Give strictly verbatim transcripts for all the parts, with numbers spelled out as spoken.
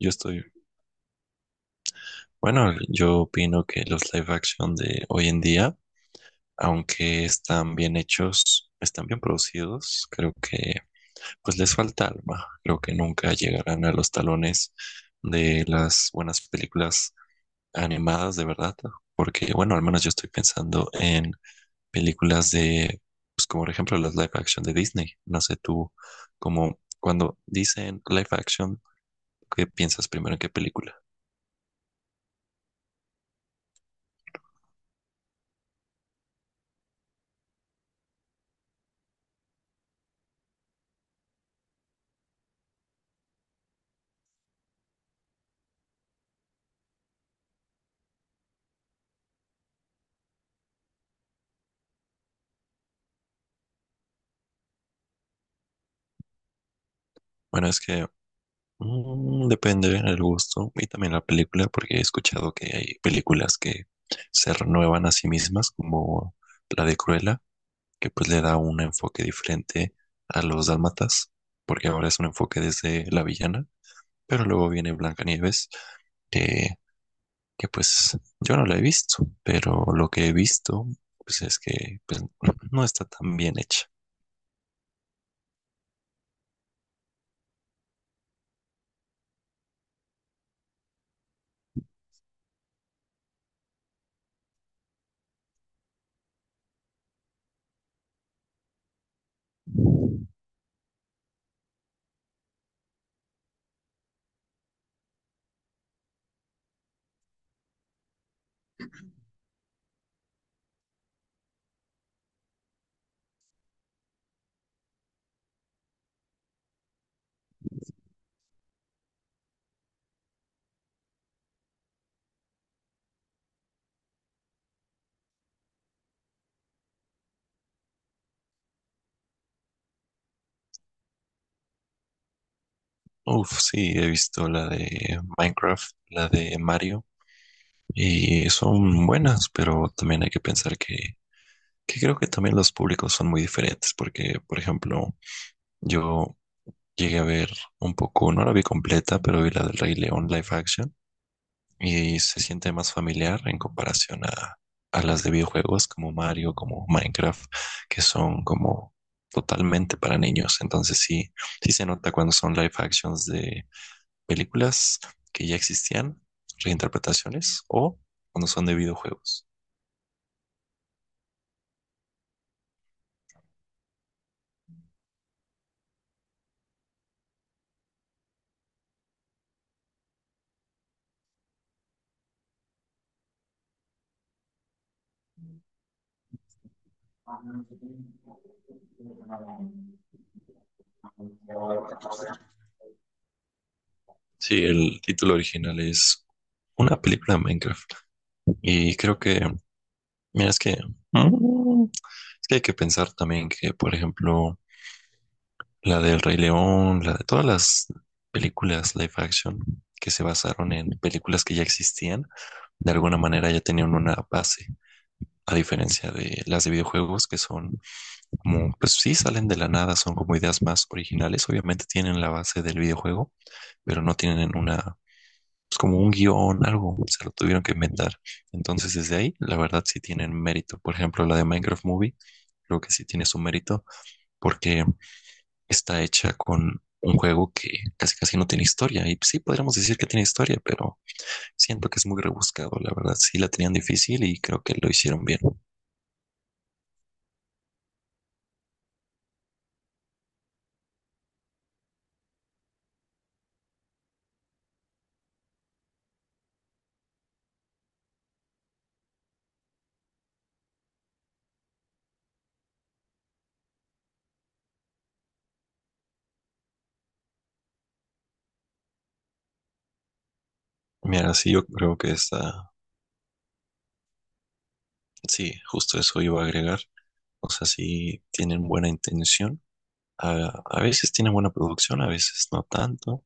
Yo estoy, bueno, yo opino que los live action de hoy en día, aunque están bien hechos, están bien producidos, creo que pues les falta alma. Creo que nunca llegarán a los talones de las buenas películas animadas de verdad, porque bueno, al menos yo estoy pensando en películas de, pues como por ejemplo las live action de Disney. No sé tú, como cuando dicen live action, ¿qué piensas primero en qué película? Bueno, es que mm, depende del gusto y también la película, porque he escuchado que hay películas que se renuevan a sí mismas, como la de Cruella, que pues le da un enfoque diferente a los dálmatas, porque ahora es un enfoque desde la villana, pero luego viene Blancanieves, que, que pues yo no la he visto, pero lo que he visto pues es que pues, no está tan bien hecha. Uf, sí, he visto la de Minecraft, la de Mario, y son buenas, pero también hay que pensar que, que creo que también los públicos son muy diferentes, porque, por ejemplo, yo llegué a ver un poco, no la vi completa, pero vi la del Rey León live action, y se siente más familiar en comparación a, a las de videojuegos como Mario, como Minecraft, que son como totalmente para niños, entonces sí, sí se nota cuando son live actions de películas que ya existían, reinterpretaciones o cuando son de videojuegos. Sí, el título original es una película de Minecraft y creo que, mira, es que, mm, es que hay que pensar también que, por ejemplo, la del Rey León, la de todas las películas live action que se basaron en películas que ya existían, de alguna manera ya tenían una base, a diferencia de las de videojuegos que son como, pues sí, salen de la nada, son como ideas más originales. Obviamente tienen la base del videojuego, pero no tienen una, pues como un guión, algo, se lo tuvieron que inventar. Entonces, desde ahí, la verdad sí tienen mérito. Por ejemplo, la de Minecraft Movie, creo que sí tiene su mérito porque está hecha con un juego que casi casi no tiene historia. Y pues, sí, podríamos decir que tiene historia, pero siento que es muy rebuscado, la verdad. Sí la tenían difícil y creo que lo hicieron bien. Mira, sí, yo creo que está... Sí, justo eso iba a agregar. O sea, si tienen buena intención. A, a veces tienen buena producción, a veces no tanto,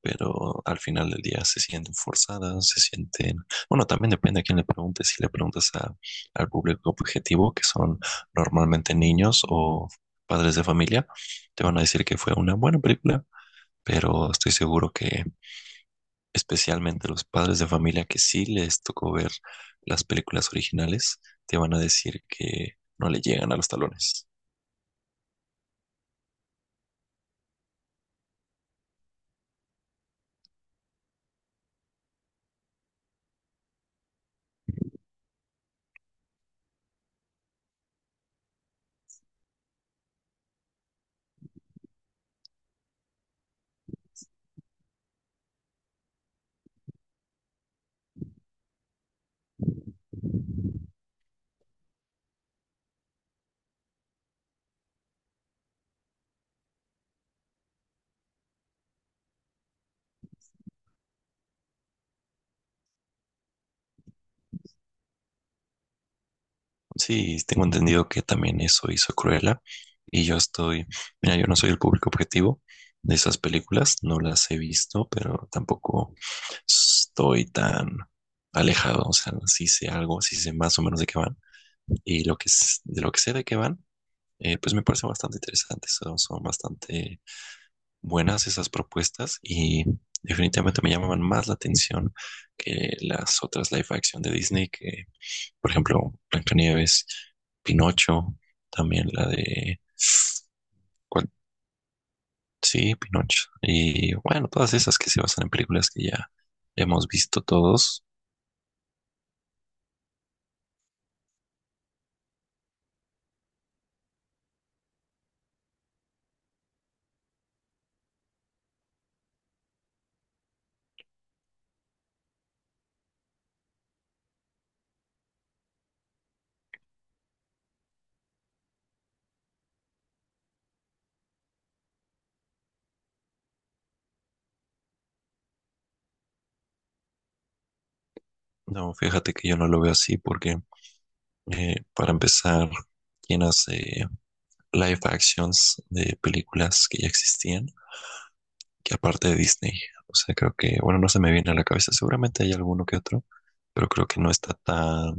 pero al final del día se sienten forzadas, se sienten... Bueno, también depende a quién le preguntes. Si le preguntas a- al público objetivo, que son normalmente niños o padres de familia, te van a decir que fue una buena película, pero estoy seguro que especialmente los padres de familia que sí les tocó ver las películas originales, te van a decir que no le llegan a los talones. Sí, tengo entendido que también eso hizo Cruella. Y yo estoy, mira, yo no soy el público objetivo de esas películas, no las he visto, pero tampoco estoy tan alejado. O sea, sí sé algo, sí sé más o menos de qué van. Y lo que, s- de lo que sé de qué van, eh, pues me parece bastante interesante. Son, son bastante buenas esas propuestas y definitivamente me llamaban más la atención que las otras live action de Disney que por ejemplo, Blancanieves, Pinocho, también la de... ¿Cuál? Sí, Pinocho. Y bueno, todas esas que se basan en películas que ya hemos visto todos. No, fíjate que yo no lo veo así porque, eh, para empezar, quien hace live actions de películas que ya existían, que aparte de Disney. O sea, creo que, bueno, no se me viene a la cabeza. Seguramente hay alguno que otro, pero creo que no está tan...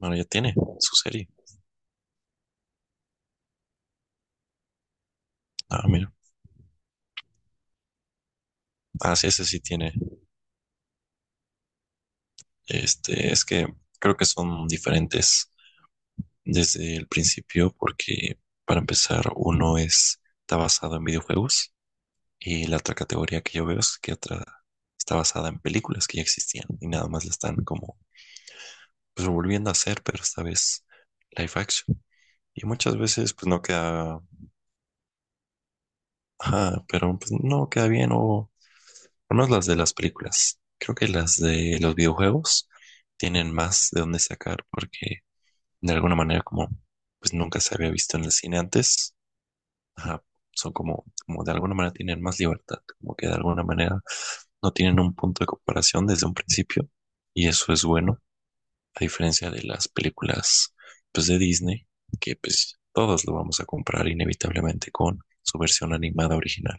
Bueno, ya tiene su serie. Ah, mira. Ah, sí, ese sí tiene. Este, es que creo que son diferentes desde el principio porque para empezar uno es, está basado en videojuegos y la otra categoría que yo veo es que otra está basada en películas que ya existían y nada más la están como pues, volviendo a hacer, pero esta vez live action. Y muchas veces pues no queda, ajá, pero pues, no queda bien o, o no es las de las películas. Creo que las de los videojuegos tienen más de dónde sacar porque de alguna manera como pues nunca se había visto en el cine antes. Ajá, son como, como de alguna manera tienen más libertad, como que de alguna manera no tienen un punto de comparación desde un principio y eso es bueno, a diferencia de las películas pues de Disney, que pues todos lo vamos a comprar inevitablemente con su versión animada original.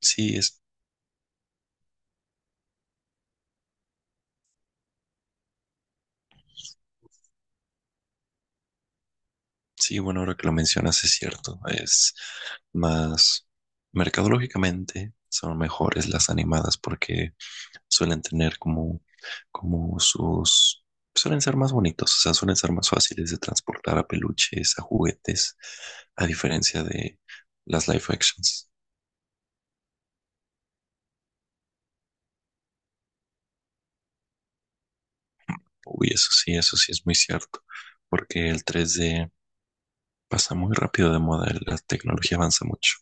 Sí, es, sí, bueno, ahora que lo mencionas es cierto, es más mercadológicamente son mejores las animadas porque suelen tener como, como sus, suelen ser más bonitos, o sea, suelen ser más fáciles de transportar a peluches, a juguetes, a diferencia de las live actions. Uy, eso sí, eso sí es muy cierto, porque el tres D pasa muy rápido de moda, la tecnología avanza mucho.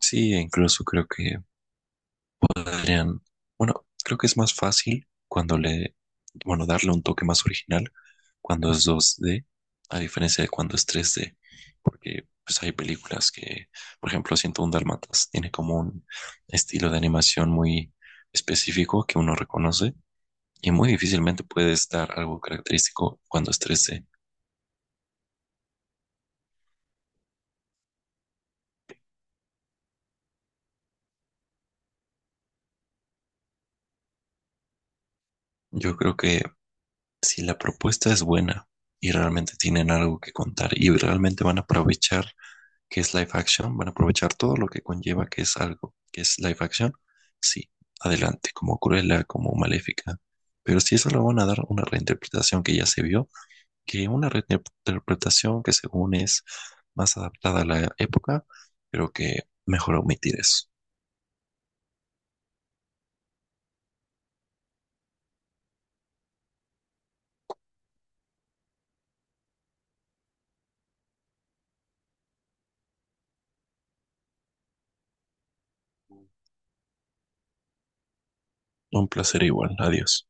Sí, e incluso creo que podrían, bueno, creo que es más fácil cuando le, bueno, darle un toque más original cuando es dos d a diferencia de cuando es tres d porque pues hay películas que, por ejemplo, ciento uno Dálmatas tiene como un estilo de animación muy específico que uno reconoce y muy difícilmente puedes dar algo característico cuando es tres d. Yo creo que si la propuesta es buena y realmente tienen algo que contar y realmente van a aprovechar que es live action, van a aprovechar todo lo que conlleva que es algo que es live action. Sí, adelante, como Cruella, como Maléfica. Pero si eso lo van a dar una reinterpretación que ya se vio, que una reinterpretación que según es más adaptada a la época, pero que mejor omitir eso. Un placer igual, adiós.